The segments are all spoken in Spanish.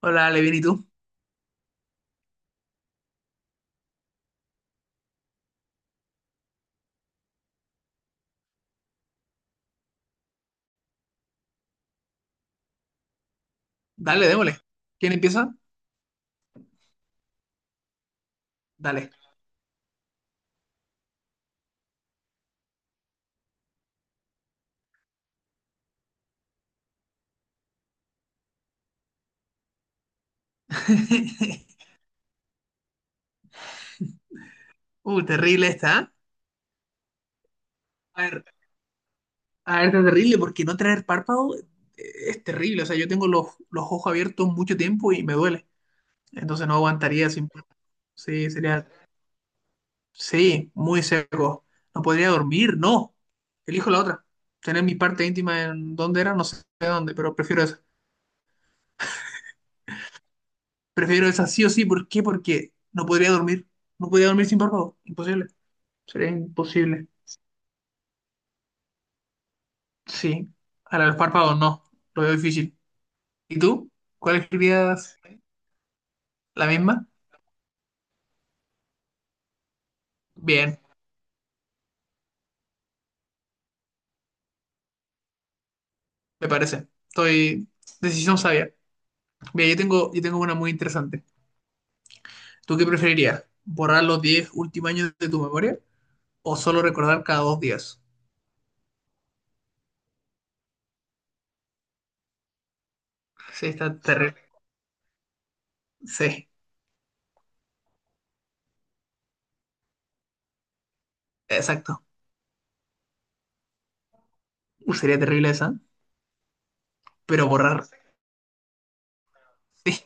Hola, Levin, ¿y tú? Dale, démosle. ¿Quién empieza? Dale. Terrible esta, ¿eh? A ver, a ver, está terrible porque no tener párpado es terrible. O sea, yo tengo los ojos abiertos mucho tiempo y me duele. Entonces no aguantaría sin párpado. Sí, sí, muy seco. No podría dormir, no. Elijo la otra. Tener mi parte íntima en donde era, no sé dónde, pero prefiero esa. Prefiero esa sí o sí. ¿Por qué? Porque no podría dormir. No podría dormir sin párpado. Imposible. Sería imposible. Sí, a los párpados no, lo veo difícil. ¿Y tú? ¿Cuál escribías? ¿La misma? Bien, me parece. Estoy... Decisión sabia. Mira, yo tengo una muy interesante. ¿Tú qué preferirías? ¿Borrar los 10 últimos años de tu memoria o solo recordar cada dos días? Sí, está terrible. Sí, exacto. Sería terrible esa, pero borrar. Sí,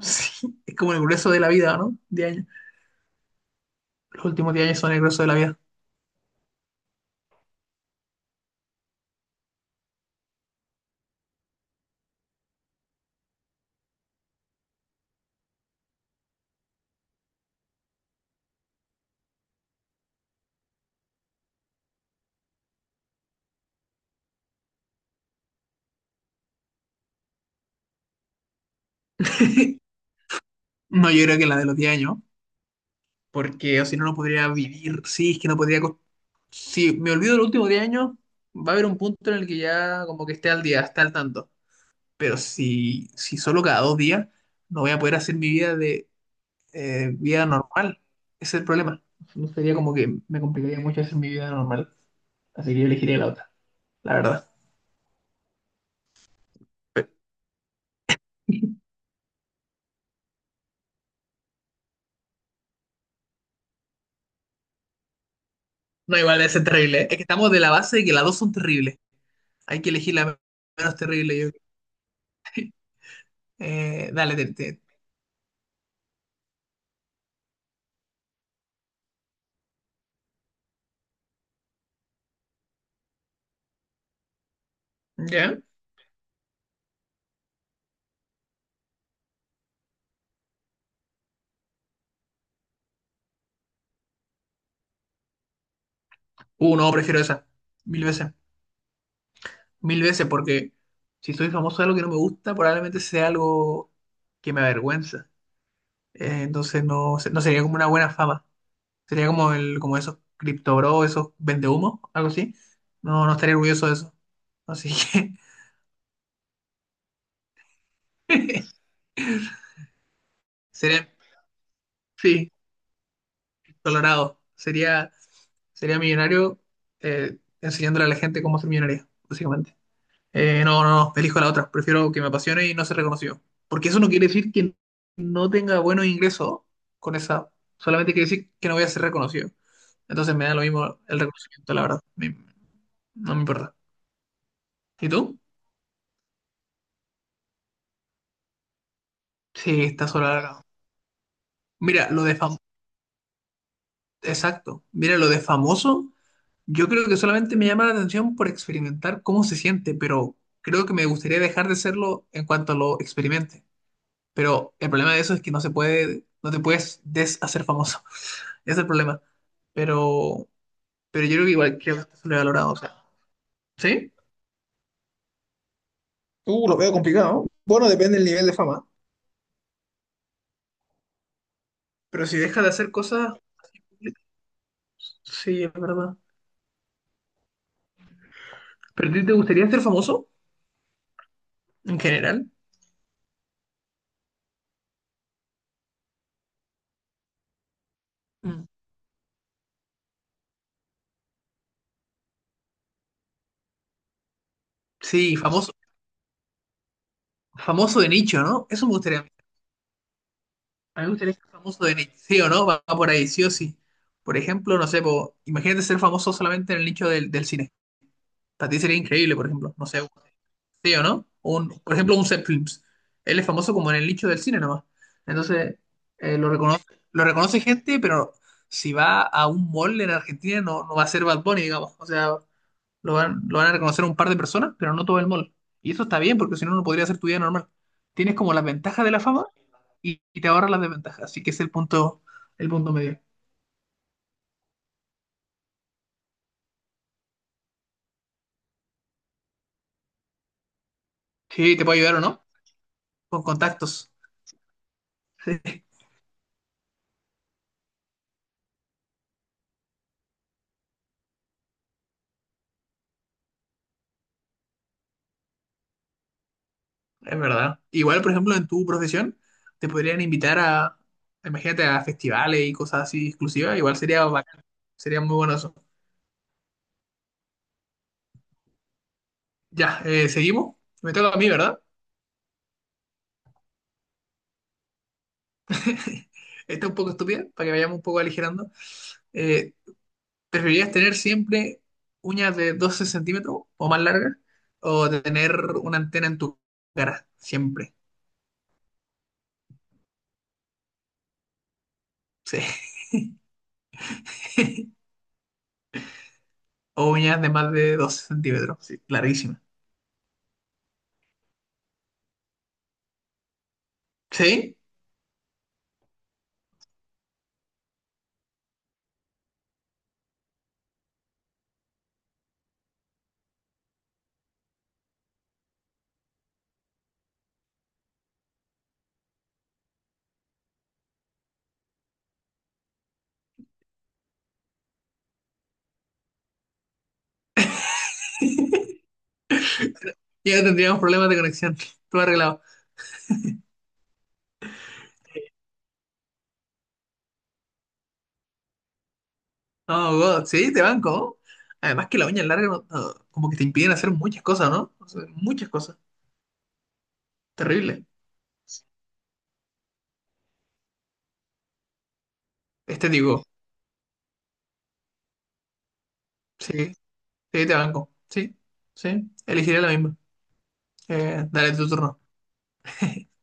sí. Es como el grueso de la vida, ¿no? 10 años. Los últimos diez años son el grueso de la vida. No, yo creo que la de los 10 años, porque o si no, no podría vivir. Sí, es que no podría. Si me olvido los últimos 10 años, va a haber un punto en el que ya como que esté al día, esté al tanto. Pero si, si solo cada dos días, no voy a poder hacer mi vida de vida normal. Ese es el problema. No sería como que me complicaría mucho hacer mi vida normal. Así que yo elegiría la otra, la verdad. No, igual debe ser terrible. Es que estamos de la base de que las dos son terribles. Hay que elegir la menos terrible, yo creo. Dale, ¿ya? No, prefiero esa. Mil veces. Mil veces, porque si soy famoso de algo que no me gusta, probablemente sea algo que me avergüenza. Entonces no, no sería como una buena fama. Sería como el, como esos cripto bro, esos vendehumos, algo así. No, no estaría orgulloso de eso. Así que sería, sí, colorado. Sería millonario enseñándole a la gente cómo ser millonario, básicamente. No, elijo la otra. Prefiero que me apasione y no ser reconocido. Porque eso no quiere decir que no tenga buenos ingresos con esa. Solamente quiere decir que no voy a ser reconocido. Entonces me da lo mismo el reconocimiento, la verdad. No me importa. ¿Y tú? Sí, está solo acá. Mira, lo de famoso. Exacto. Mira, lo de famoso. Yo creo que solamente me llama la atención por experimentar cómo se siente, pero creo que me gustaría dejar de serlo en cuanto lo experimente. Pero el problema de eso es que no se puede, no te puedes deshacer famoso. Es el problema. Pero, pero yo creo que igual que se le ha valorado, o sea, ¿sí? Lo veo complicado. Bueno, depende del nivel de fama. Pero si deja de hacer cosas, sí, es verdad. ¿Pero a ti te gustaría ser famoso en general? Mm. Sí, famoso, famoso de nicho, ¿no? Eso me gustaría. A mí me gustaría ser famoso de nicho, sí o no, va por ahí, sí o sí. Por ejemplo, no sé, po, imagínate ser famoso solamente en el nicho del cine. Para ti sería increíble, por ejemplo, no sé, sí o no, un, por ejemplo, un Seth Films. Él es famoso como en el nicho del cine nomás. Entonces, eh, lo reconoce, lo reconoce gente, pero si va a un mall en Argentina no, no va a ser Bad Bunny, digamos. O sea, lo van a reconocer un par de personas, pero no todo el mall. Y eso está bien, porque si no, no podría ser tu vida normal. Tienes como las ventajas de la fama y te ahorras las desventajas. Así que ese es el punto medio. Sí, te puede ayudar o no, con contactos. Es verdad. Igual, por ejemplo, en tu profesión, te podrían invitar a, imagínate, a festivales y cosas así exclusivas. Igual sería bacán. Sería muy bueno eso. Ya, seguimos. Me toca a mí, ¿verdad? Está un poco estúpida, para que vayamos un poco aligerando. Eh, ¿Preferirías tener siempre uñas de 12 centímetros o más largas? ¿O tener una antena en tu cara? Siempre. Sí. O uñas de más de 12 centímetros. Sí, larguísimas. ¿Sí? Ya no tendríamos problemas de conexión. Todo arreglado. No, God, sí, te banco. Además que la uña larga no, como que te impiden hacer muchas cosas, ¿no? O sea, muchas cosas. Terrible. Este digo, sí, sí, te banco. Sí, sí, elegiré la misma. Dale tu turno.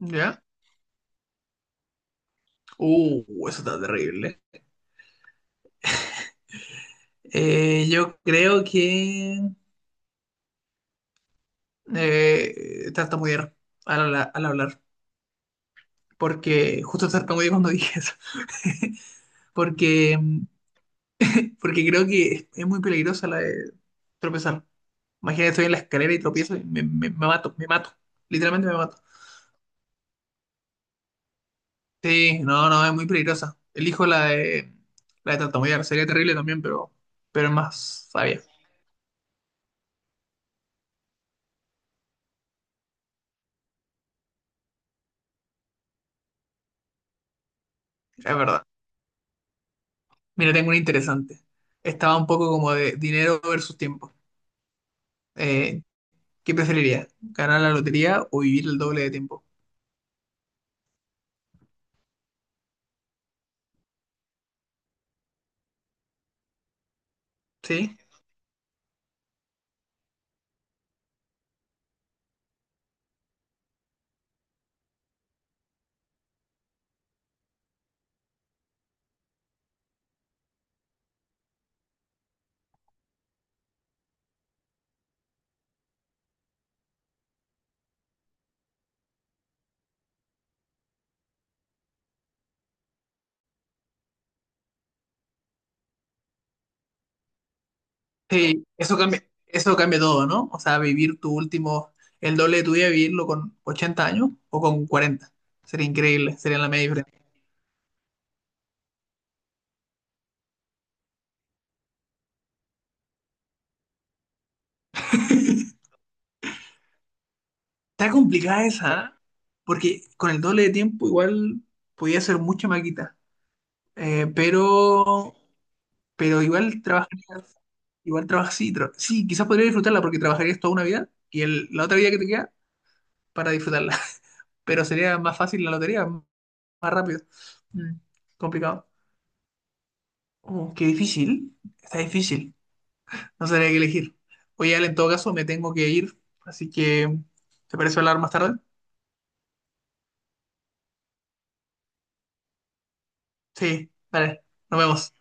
¿Ya? Eso está terrible. Yo creo que tartamudear al hablar. Porque justo tartamudeé cuando dije eso. Porque, porque creo que es muy peligrosa la de tropezar. Imagínate, estoy en la escalera y tropiezo y me, me mato, me mato. Literalmente me mato. Sí, no, no, es muy peligrosa. Elijo la de tartamudear. Sería terrible también, pero es más sabia. Es verdad. Mira, tengo una interesante. Estaba un poco como de dinero versus tiempo. Eh, ¿Qué preferiría? ¿Ganar la lotería o vivir el doble de tiempo? Sí. Sí, eso cambia todo, ¿no? O sea, vivir tu último, el doble de tu vida, vivirlo con 80 años o con 40. Sería increíble, sería la media diferencia. Está complicada esa, ¿ah? Porque con el doble de tiempo igual podía hacer mucha maquita. Eh, pero, pero igual trabajarías, igual trabajas, sí, sí, quizás podrías disfrutarla porque trabajarías toda una vida y la otra vida que te queda para disfrutarla, pero sería más fácil la lotería, más rápido. Mm, complicado. Oh, qué difícil, está difícil, no sabría qué elegir. Oye, Ale, en todo caso me tengo que ir, así que ¿te parece hablar más tarde? Sí, vale, nos vemos.